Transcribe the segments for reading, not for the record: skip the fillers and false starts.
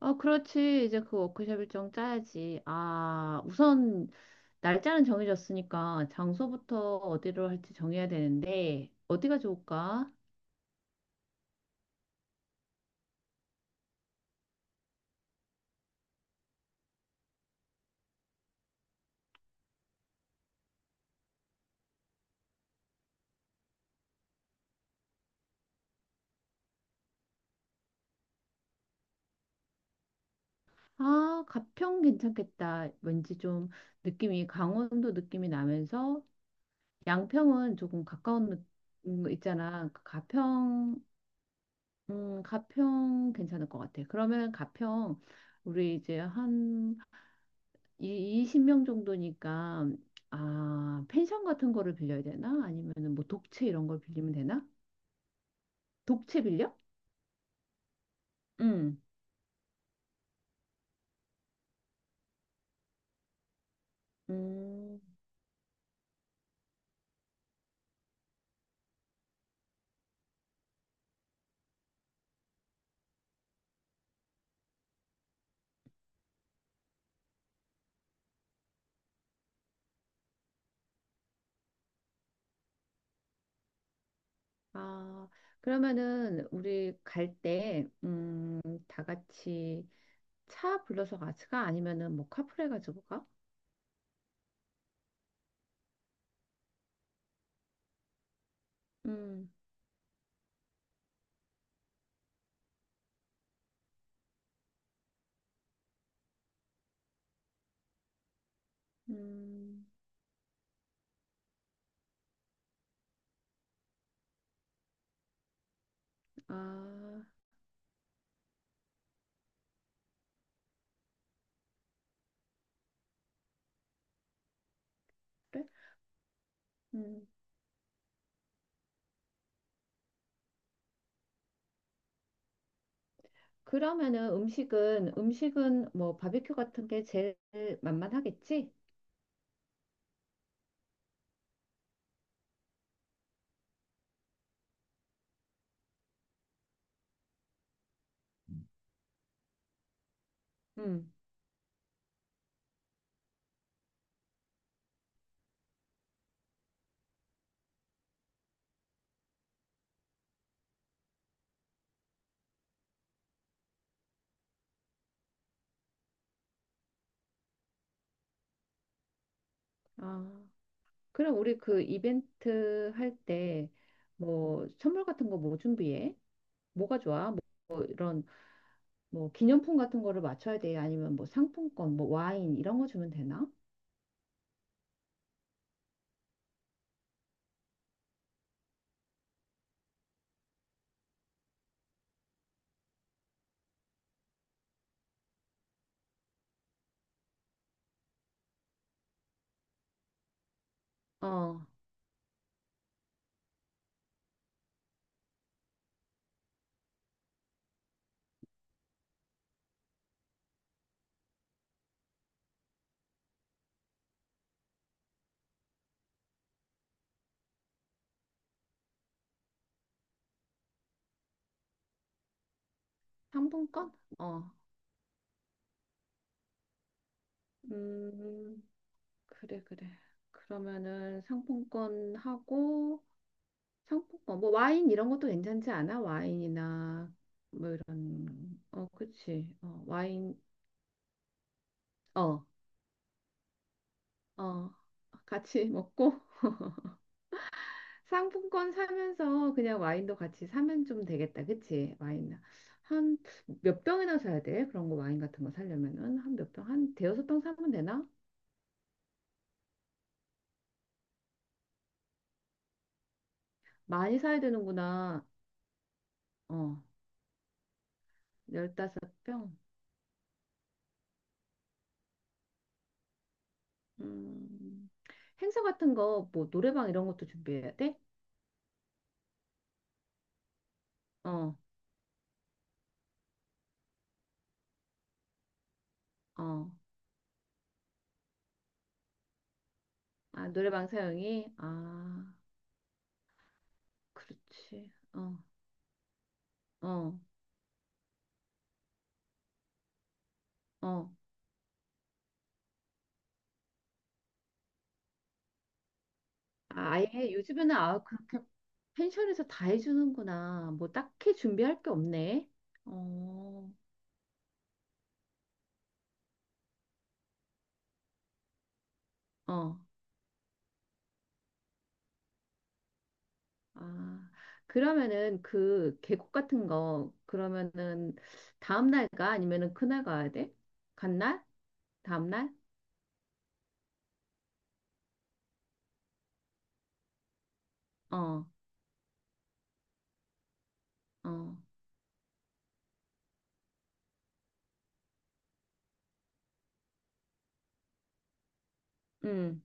어, 그렇지. 이제 그 워크숍 일정 짜야지. 아, 우선 날짜는 정해졌으니까 장소부터 어디로 할지 정해야 되는데 어디가 좋을까? 아, 가평 괜찮겠다. 왠지 좀 느낌이 강원도 느낌이 나면서 양평은 조금 가까운. 거 있잖아. 가평 괜찮을 것 같아. 그러면 가평, 우리 이제 한 이 20명 정도니까. 아, 펜션 같은 거를 빌려야 되나? 아니면은 뭐 독채 이런 걸 빌리면 되나? 독채 빌려? 응. 음. 아, 그러면은 우리 갈 때, 다 같이 차 불러서 같이 가, 아니면은 뭐 카풀해 가지고 가? 음. 음, 아, 그래? 음. 그러면은 음식은 뭐 바비큐 같은 게 제일 만만하겠지? 음. 아. 그럼 우리 그 이벤트 할 때 뭐 선물 같은 거 뭐 준비해? 뭐가 좋아? 뭐, 뭐 기념품 같은 거를 맞춰야 돼? 아니면 뭐 상품권, 뭐 와인 이런 거 주면 되나? 어, 상품권? 어, 음, 그래, 그래. 그러면은 상품권 하고 상품권, 뭐 와인 이런 것도 괜찮지 않아? 와인이나 뭐 이런. 어, 그치. 어, 와인. 어, 어. 같이 먹고 상품권 사면서 그냥 와인도 같이 사면 좀 되겠다. 그치? 와인. 한 몇 병이나 사야 돼? 그런 거 와인 같은 거 사려면은 한 몇 병? 한 대여섯 병 사면 되나? 많이 사야 되는구나. 어, 15병. 음, 행사 같은 거, 뭐 노래방 이런 것도 준비해야 돼? 어, 어. 아, 노래방 사용이? 아, 그렇지. 어, 어, 어. 아, 아예 요즘에는, 아, 그렇게 펜션에서 다 해주는구나. 뭐 딱히 준비할 게 없네. 어, 어. 아, 그러면은 그 계곡 같은 거, 그러면은 다음 날 가? 아니면은 그날 가야 돼? 간날? 다음 날? 어. 어. 음.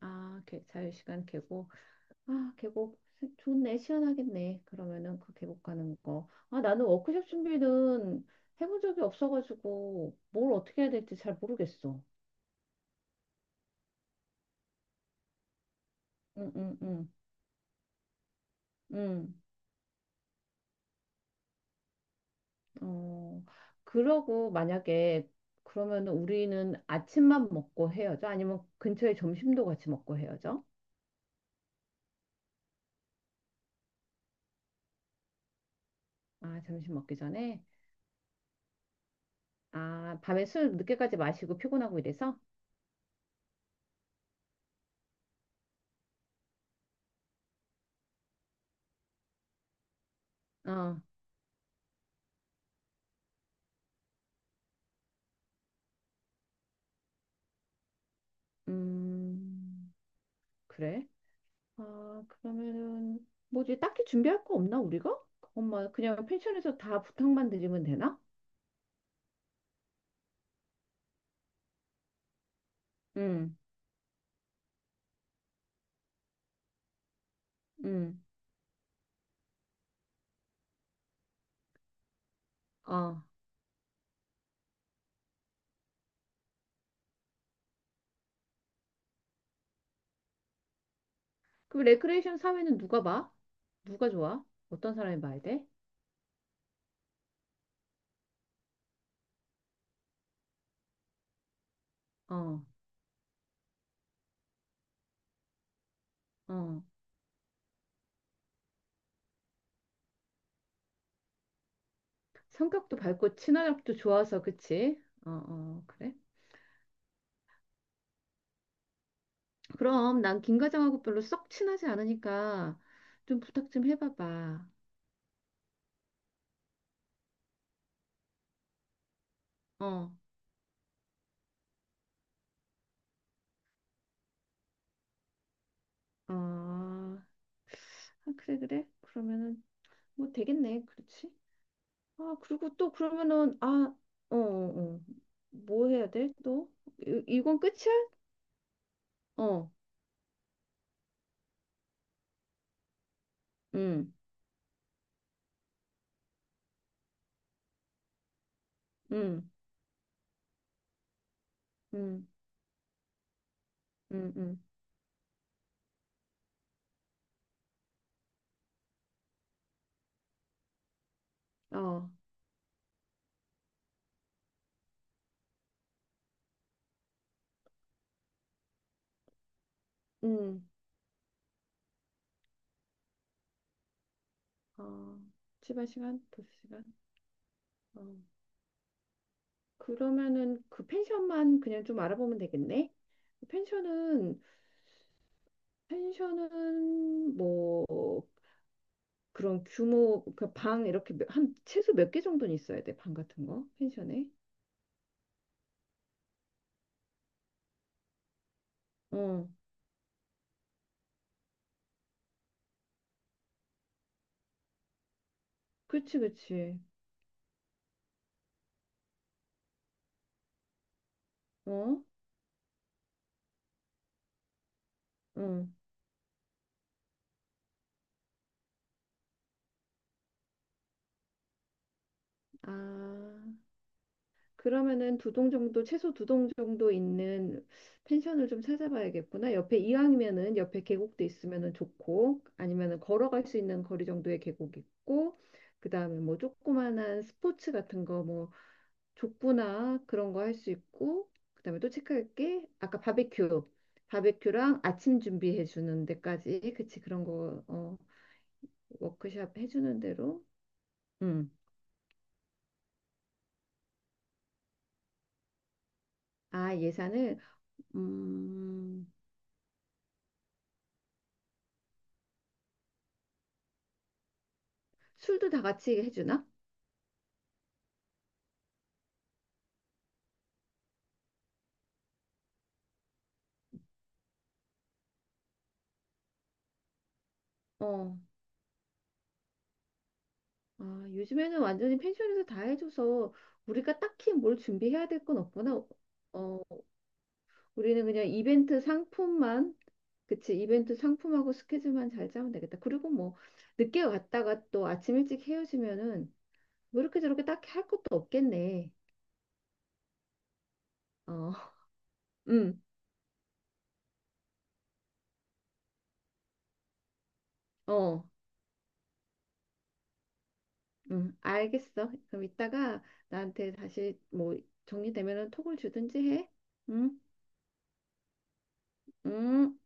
아, 자유시간 계곡. 아, 계곡 좋네. 시원하겠네. 그러면은 그 계곡 가는 거. 아, 나는 워크숍 준비는 해본 적이 없어가지고 뭘 어떻게 해야 될지 잘 모르겠어. 응, 응, 응. 응. 어, 그러고 만약에 그러면, 우리는 아침만 먹고 헤어져? 아니면 근처에 점심도 같이 먹고 헤어져? 아, 점심 먹기 전에? 아, 밤에 술 늦게까지 마시고 피곤하고 이래서? 어, 음, 그래? 아, 그러면은 뭐지? 딱히 준비할 거 없나, 우리가? 엄마, 그냥 펜션에서 다 부탁만 드리면 되나? 응, 응, 어. 그럼 레크레이션 사회는 누가 봐? 누가 좋아? 어떤 사람이 봐야 돼? 어, 어. 성격도 밝고 친화력도 좋아서, 그치? 어, 어, 그래? 그럼 난 김 과장하고 별로 썩 친하지 않으니까 좀 부탁 좀 해봐봐. 어, 어. 아, 그래, 그래? 그러면은 뭐 되겠네, 그렇지? 아, 그리고 또 그러면은, 아, 어, 어, 어. 뭐 해야 돼? 또? 이건 끝이야? 어, 응, 응, 응, 응, 응, 어, 응, 어, 치마 시간, 도시 시간. 어. 그러면은 그 펜션만 그냥 좀 알아보면 되겠네. 펜션은 펜션은 뭐 그런 규모, 그 방 이렇게 한 최소 몇 개 정도는 있어야 돼. 방 같은 거 펜션에. 어, 그치 그치. 어, 응. 아. 그러면은 두 동 정도, 최소 두 동 정도 있는 펜션을 좀 찾아봐야겠구나. 옆에, 이왕이면은 옆에 계곡도 있으면은 좋고, 아니면은 걸어갈 수 있는 거리 정도의 계곡 있고, 그다음에 뭐 조그만한 스포츠 같은 거, 뭐 족구나 그런 거 할 수 있고, 그다음에 또 체크할 게 아까 바베큐, 바베큐랑 아침 준비해 주는 데까지. 그치, 그런 거. 어, 워크샵 해주는 대로. 음. 아, 예산을. 음, 술도 다 같이 해주나? 어, 아, 요즘에는 완전히 펜션에서 다 해줘서 우리가 딱히 뭘 준비해야 될 건 없구나. 어, 우리는 그냥 이벤트 상품만, 그치, 이벤트 상품하고 스케줄만 잘 짜면 되겠다. 그리고 뭐, 늦게 왔다가 또 아침 일찍 헤어지면은 뭐 이렇게 저렇게 딱히 할 것도 없겠네. 어, 음, 어, 알겠어. 그럼 이따가 나한테 다시 뭐, 정리되면은 톡을 주든지 해. 응, 응.